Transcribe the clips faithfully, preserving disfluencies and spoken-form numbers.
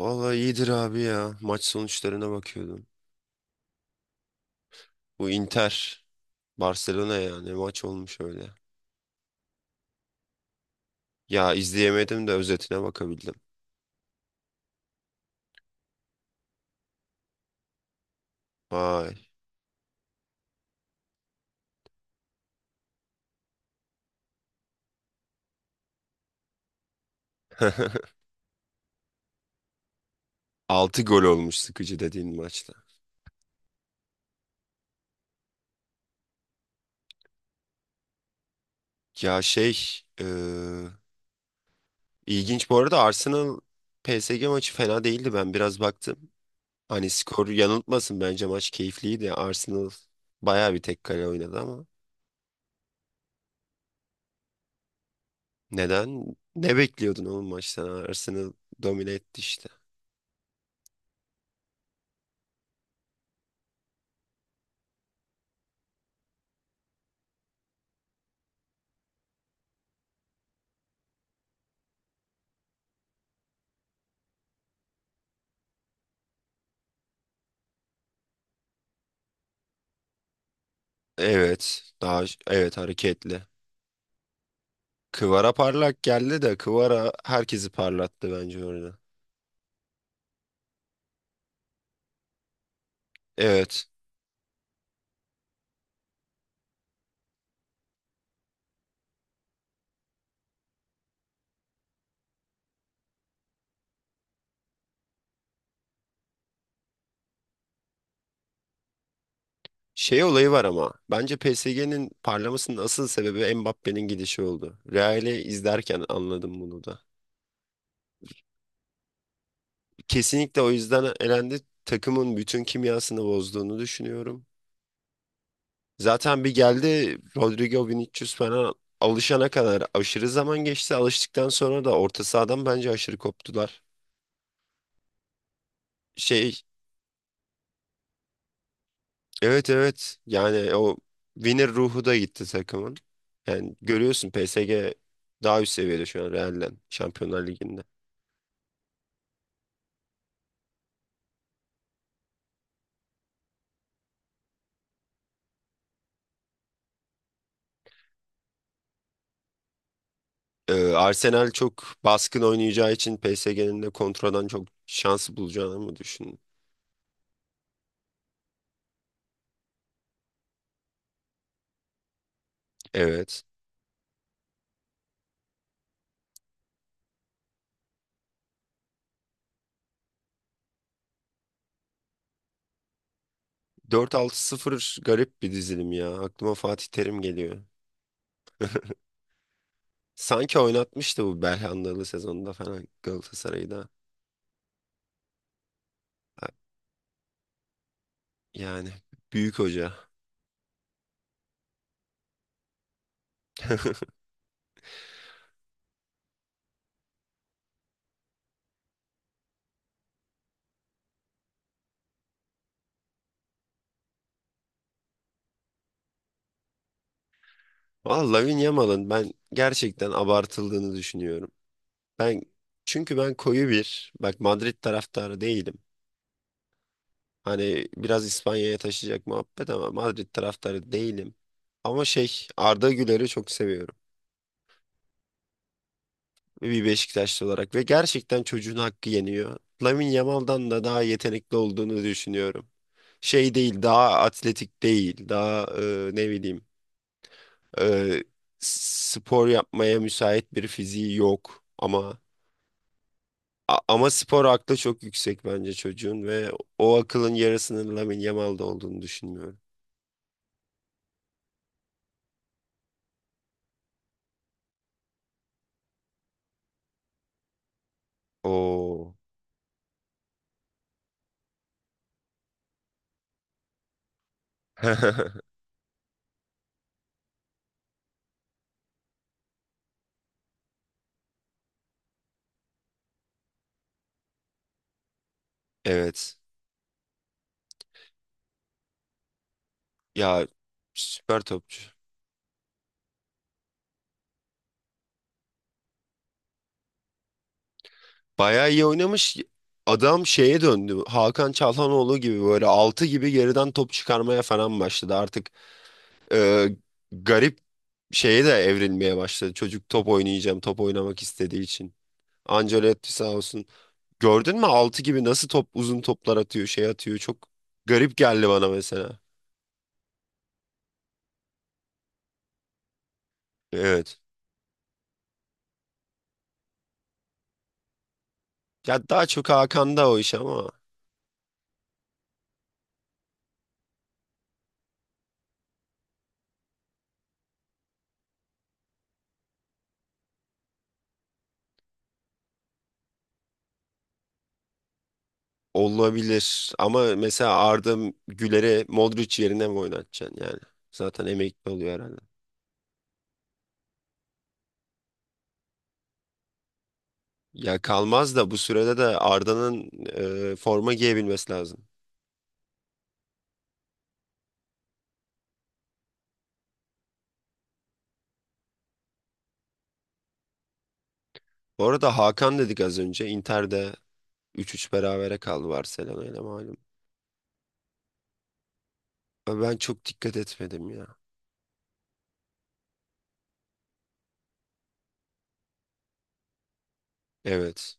Vallahi iyidir abi ya. Maç sonuçlarına bakıyordum. Bu Inter, Barcelona ya ne maç olmuş öyle. Ya izleyemedim de özetine bakabildim. Vay. Altı gol olmuş sıkıcı dediğin maçta. Ya şey, e, ilginç bu arada Arsenal P S G maçı fena değildi, ben biraz baktım. Hani skor yanıltmasın, bence maç keyifliydi. Arsenal bayağı bir tek kale oynadı ama neden? Ne bekliyordun oğlum maçtan? Arsenal domine etti işte. Evet. Daha evet hareketli. Kıvara parlak geldi de Kıvara herkesi parlattı bence orada. Evet. Şey olayı var ama bence P S G'nin parlamasının asıl sebebi Mbappe'nin gidişi oldu. Real'i izlerken anladım bunu da. Kesinlikle o yüzden elendi. Takımın bütün kimyasını bozduğunu düşünüyorum. Zaten bir geldi Rodrigo Vinicius falan, alışana kadar aşırı zaman geçti. Alıştıktan sonra da orta sahadan bence aşırı koptular. Şey Evet, evet. Yani o winner ruhu da gitti takımın. Yani görüyorsun P S G daha üst seviyede şu an Real'den Şampiyonlar Ligi'nde. Ee, Arsenal çok baskın oynayacağı için P S G'nin de kontradan çok şansı bulacağını mı düşündün? Evet. Dört altı sıfır garip bir dizilim ya. Aklıma Fatih Terim geliyor. Sanki oynatmıştı bu Belhandalı sezonunda falan Galatasaray'da. Yani büyük hoca. Valla Lamine Yamal'ın ben gerçekten abartıldığını düşünüyorum. Ben çünkü ben koyu bir bak Madrid taraftarı değilim. Hani biraz İspanya'ya taşıyacak muhabbet ama Madrid taraftarı değilim. Ama şey Arda Güler'i çok seviyorum. Bir Beşiktaşlı olarak ve gerçekten çocuğun hakkı yeniyor. Lamine Yamal'dan da daha yetenekli olduğunu düşünüyorum. Şey değil, daha atletik değil, daha e, ne bileyim, e, spor yapmaya müsait bir fiziği yok. Ama A- Ama spor aklı çok yüksek bence çocuğun ve o akılın yarısının Lamine Yamal'da olduğunu düşünmüyorum. Oo. Evet. Ya süper topçu. Bayağı iyi oynamış. Adam şeye döndü. Hakan Çalhanoğlu gibi böyle altı gibi geriden top çıkarmaya falan başladı. Artık e, garip şeye de evrilmeye başladı. Çocuk top oynayacağım, top oynamak istediği için. Ancelotti sağ olsun. Gördün mü altı gibi nasıl top uzun toplar atıyor, şey atıyor. Çok garip geldi bana mesela. Evet. Ya daha çok Hakan'da o iş ama olabilir. Ama mesela Arda Güler'e Modric yerine mi oynatacaksın yani? Zaten emekli oluyor herhalde. Ya kalmaz da bu sürede de Arda'nın e, forma giyebilmesi lazım. Bu arada Hakan dedik az önce. Inter'de üç üç berabere kaldı Barcelona ile, malum. Ama ben çok dikkat etmedim ya. Evet.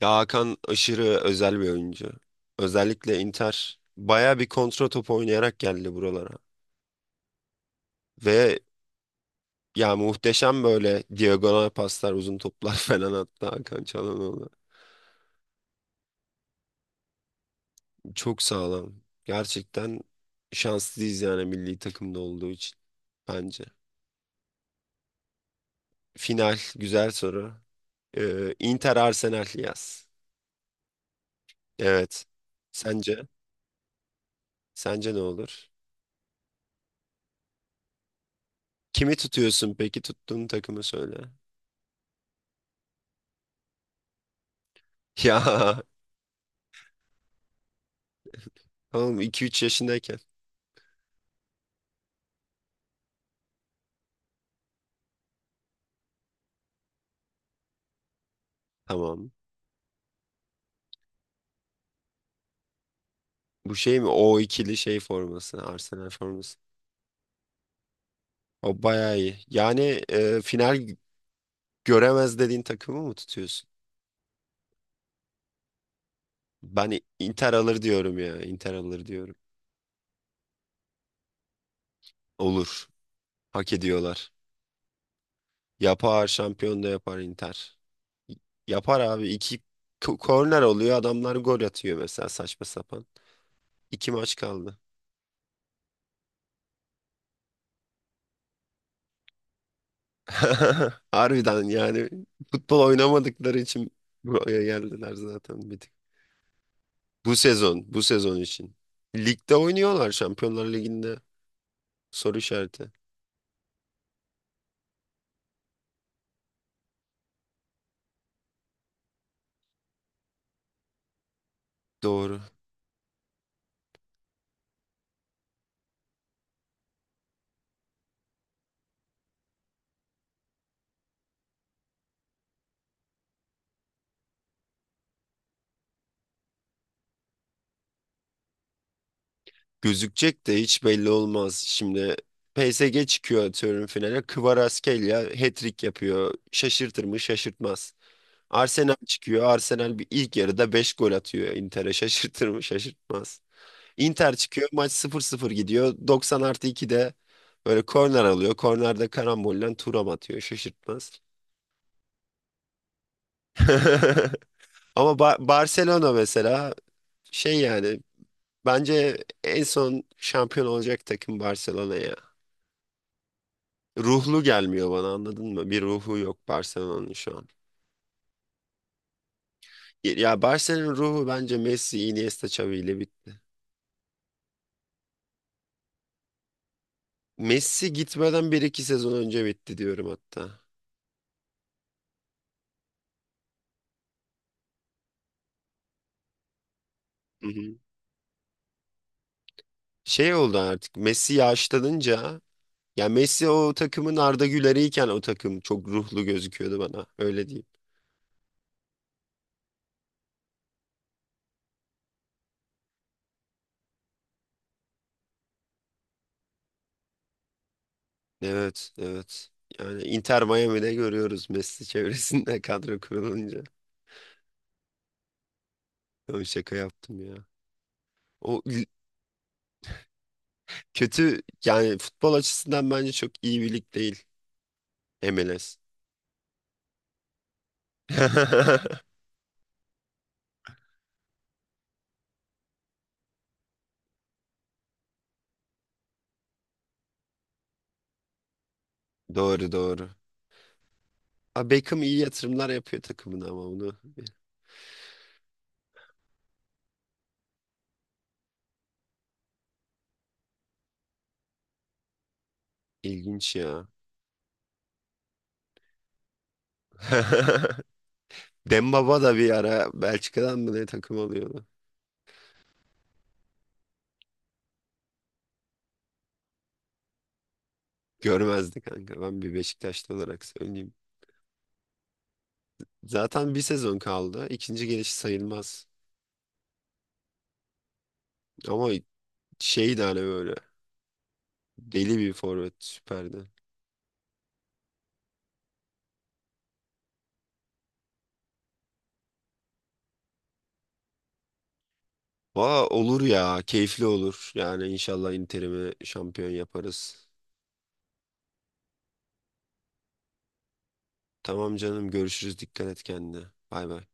Ya Hakan aşırı özel bir oyuncu. Özellikle Inter baya bir kontra top oynayarak geldi buralara. Ve ya muhteşem böyle diagonal paslar, uzun toplar falan attı Hakan Çalhanoğlu. Çok sağlam. Gerçekten şanslıyız yani milli takımda olduğu için bence. Final güzel soru. Ee, Inter Arsenal yaz. Evet. Sence? Sence ne olur? Kimi tutuyorsun peki? Tuttuğun takımı söyle. Ya, tamam, iki üç yaşındayken. Tamam. Bu şey mi? O ikili şey forması. Arsenal forması. O bayağı iyi. Yani e, final göremez dediğin takımı mı tutuyorsun? Ben Inter alır diyorum ya. Inter alır diyorum. Olur. Hak ediyorlar. Yapar. Şampiyon da yapar Inter. Yapar abi. İki k- korner oluyor. Adamlar gol atıyor mesela saçma sapan. İki maç kaldı. Harbiden yani futbol oynamadıkları için buraya geldiler zaten. Bu sezon, bu sezon için. Ligde oynuyorlar Şampiyonlar Ligi'nde. Soru işareti. Doğru. Gözükecek de hiç belli olmaz. Şimdi P S G çıkıyor atıyorum finale. Kvaratskhelia hat-trick yapıyor. Şaşırtır mı? Şaşırtmaz. Arsenal çıkıyor. Arsenal bir ilk yarıda beş gol atıyor Inter'e. Şaşırtır mı? Şaşırtmaz. Inter çıkıyor. Maç sıfır sıfır gidiyor. Doksan artı ikide böyle korner alıyor. Kornerde karambolle Thuram atıyor. Şaşırtmaz. Ama Ba- Barcelona mesela. Şey yani bence en son şampiyon olacak takım Barcelona ya. Ruhlu gelmiyor bana, anladın mı? Bir ruhu yok Barcelona'nın şu an. Ya Barcelona'nın ruhu bence Messi, Iniesta, Xavi ile bit. Messi gitmeden bir iki sezon önce bitti diyorum hatta. Hı hı. Şey oldu artık Messi yaşlanınca, ya Messi o takımın Arda Güler'iyken o takım çok ruhlu gözüküyordu bana, öyle diyeyim. Evet, evet, yani Inter Miami'de görüyoruz Messi çevresinde kadro kurulunca. Yo, şaka yaptım ya. O l- Kötü yani futbol açısından bence çok iyi bir lig değil M L S. Doğru, doğru. Ha, Beckham iyi yatırımlar yapıyor takımına ama onu ilginç ya. Dembaba da bir ara Belçika'dan mı ne takım alıyordu. Görmezdi kanka. Ben bir Beşiktaşlı olarak söyleyeyim. Zaten bir sezon kaldı. İkinci gelişi sayılmaz. Ama şeydi hani böyle deli bir forvet, süperdi. Valla olur ya, keyifli olur. Yani inşallah Inter'imi şampiyon yaparız. Tamam canım, görüşürüz. Dikkat et kendine. Bay bay.